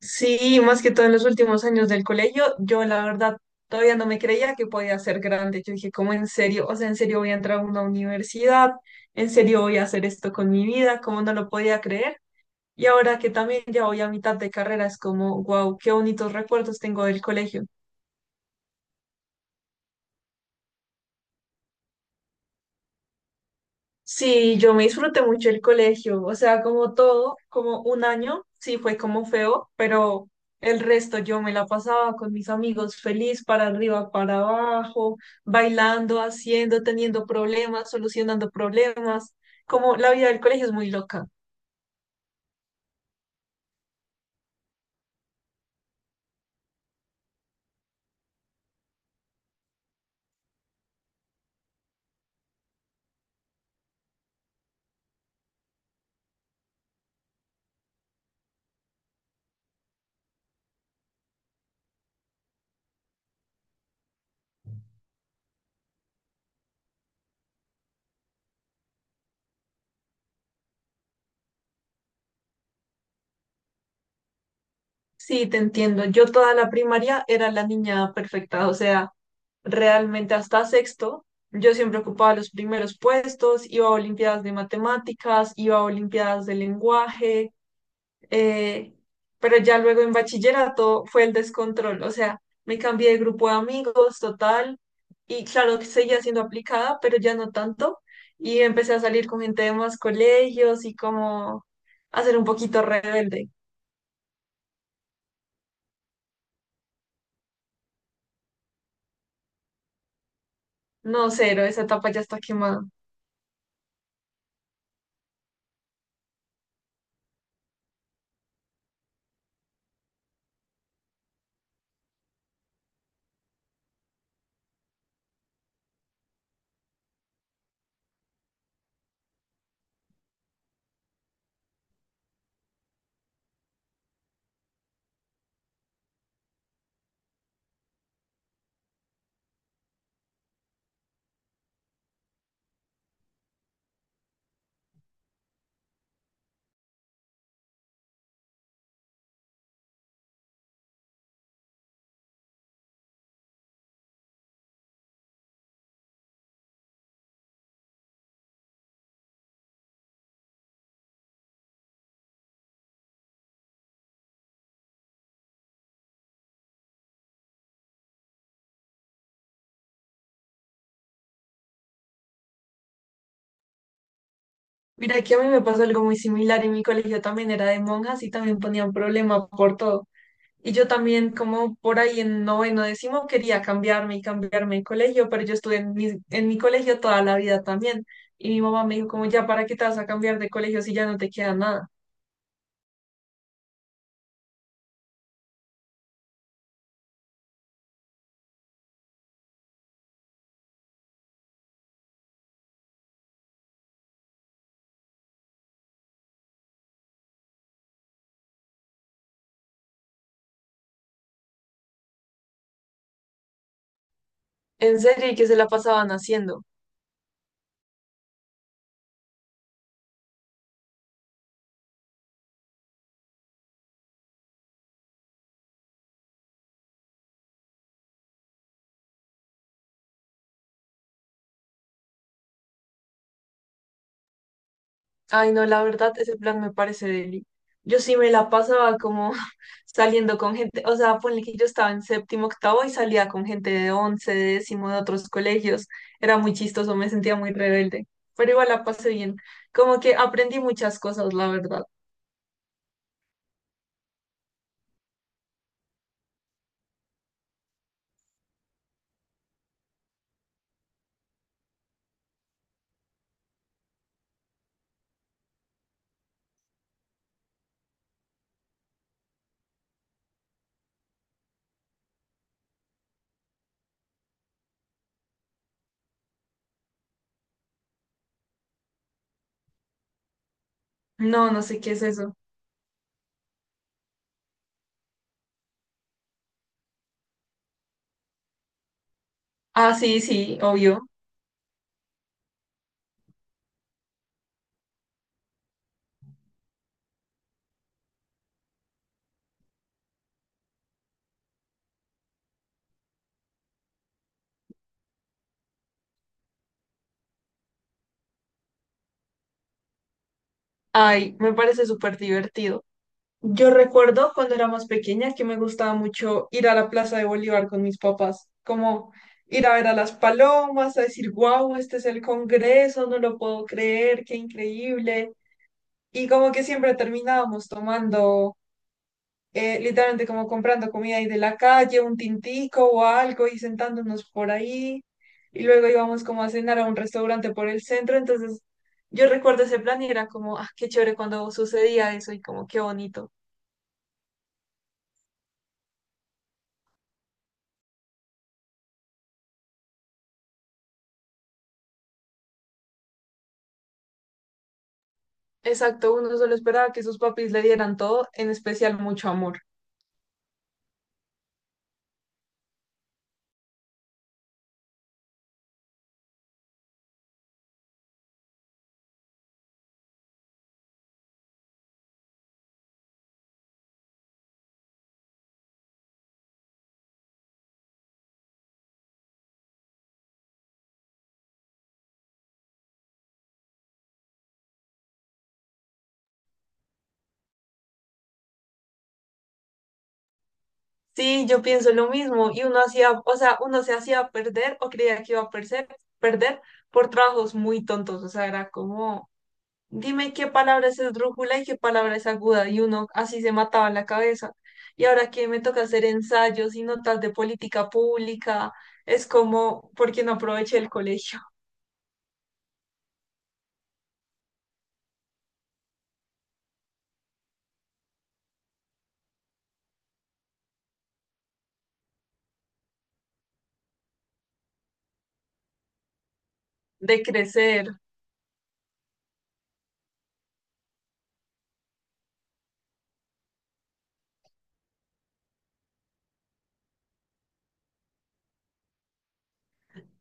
Sí, más que todo en los últimos años del colegio, yo la verdad todavía no me creía que podía ser grande. Yo dije, ¿cómo en serio? O sea, ¿en serio voy a entrar a una universidad? ¿En serio voy a hacer esto con mi vida? ¿Cómo no lo podía creer? Y ahora que también ya voy a mitad de carrera, es como, wow, qué bonitos recuerdos tengo del colegio. Sí, yo me disfruté mucho el colegio, o sea, como todo, como un año, sí fue como feo, pero el resto yo me la pasaba con mis amigos feliz para arriba, para abajo, bailando, haciendo, teniendo problemas, solucionando problemas, como la vida del colegio es muy loca. Sí, te entiendo, yo toda la primaria era la niña perfecta, o sea, realmente hasta sexto. Yo siempre ocupaba los primeros puestos, iba a olimpiadas de matemáticas, iba a olimpiadas de lenguaje, eh, pero ya luego en bachillerato fue el descontrol, o sea, me cambié de grupo de amigos total y claro que seguía siendo aplicada, pero ya no tanto y empecé a salir con gente de más colegios y como a ser un poquito rebelde. No, cero, esa etapa ya está quemada. Mira, que a mí me pasó algo muy similar y mi colegio también era de monjas y también ponían problema por todo. Y yo también, como por ahí en noveno, décimo, quería cambiarme y cambiarme de colegio, pero yo estuve en mi colegio toda la vida también. Y mi mamá me dijo, como ya, ¿para qué te vas a cambiar de colegio si ya no te queda nada? En serio, ¿y qué se la pasaban haciendo? Ay, no, la verdad, ese plan me parece deli. Yo sí me la pasaba como saliendo con gente, o sea, ponle que yo estaba en séptimo, octavo y salía con gente de once, de décimo, de otros colegios. Era muy chistoso, me sentía muy rebelde, pero igual la pasé bien. Como que aprendí muchas cosas, la verdad. No, no sé qué es eso. Ah, sí, sí, obvio. Ay, me parece súper divertido. Yo recuerdo cuando era más pequeña que me gustaba mucho ir a la Plaza de Bolívar con mis papás, como ir a ver a las palomas, a decir, wow, este es el Congreso, no lo puedo creer, qué increíble. Y como que siempre terminábamos tomando, literalmente como comprando comida ahí de la calle, un tintico o algo y sentándonos por ahí. Y luego íbamos como a cenar a un restaurante por el centro. Entonces yo recuerdo ese plan y era como, ah, qué chévere cuando sucedía eso y como qué bonito. Exacto, uno solo esperaba que sus papis le dieran todo, en especial mucho amor. Sí, yo pienso lo mismo y uno hacía, o sea, uno se hacía perder o creía que iba a perder por trabajos muy tontos, o sea, era como, dime qué palabra es esdrújula y qué palabra es aguda y uno así se mataba la cabeza. Y ahora que me toca hacer ensayos y notas de política pública, es como, ¿porque no aproveché el colegio de crecer?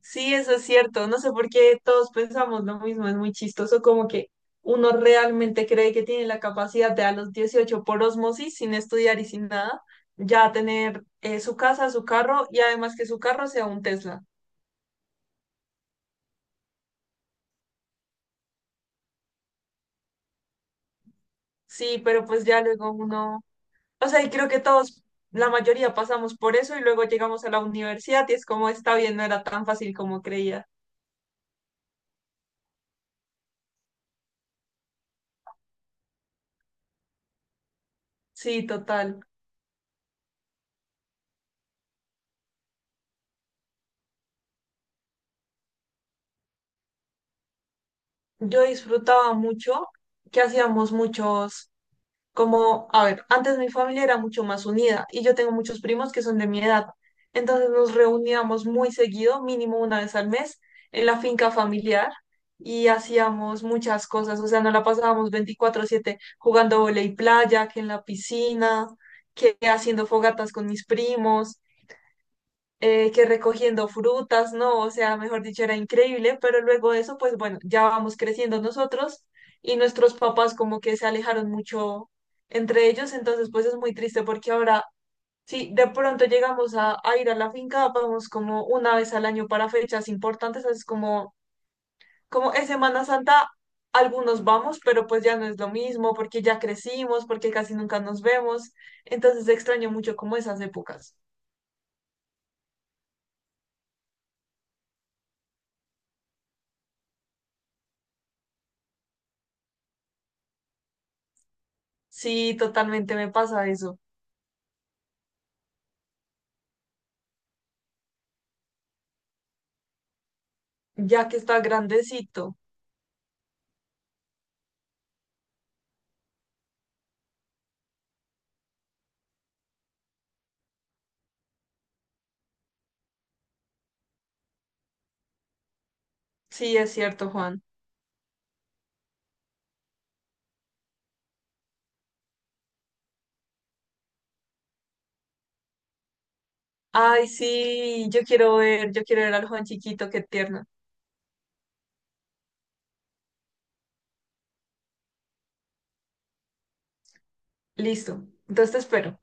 Sí, eso es cierto. No sé por qué todos pensamos lo mismo. Es muy chistoso como que uno realmente cree que tiene la capacidad de a los 18 por osmosis, sin estudiar y sin nada, ya tener su casa, su carro y además que su carro sea un Tesla. Sí, pero pues ya luego uno, o sea, y creo que todos, la mayoría pasamos por eso y luego llegamos a la universidad y es como está bien, no era tan fácil como creía. Sí, total. Yo disfrutaba mucho que hacíamos muchos. Como, a ver, antes mi familia era mucho más unida y yo tengo muchos primos que son de mi edad. Entonces nos reuníamos muy seguido, mínimo 1 vez al mes, en la finca familiar y hacíamos muchas cosas. O sea, nos la pasábamos 24/7 jugando voley playa, que en la piscina, que haciendo fogatas con mis primos que recogiendo frutas, ¿no? O sea, mejor dicho, era increíble, pero luego de eso, pues bueno, ya vamos creciendo nosotros y nuestros papás como que se alejaron mucho entre ellos, entonces pues es muy triste porque ahora, si de pronto llegamos a ir a la finca, vamos como 1 vez al año para fechas importantes, es como, como es Semana Santa. Algunos vamos, pero pues ya no es lo mismo porque ya crecimos, porque casi nunca nos vemos. Entonces extraño mucho como esas épocas. Sí, totalmente me pasa eso. Ya que está grandecito. Sí, es cierto, Juan. Ay, sí, yo quiero ver al Juan chiquito, qué tierno. Listo. Entonces te espero.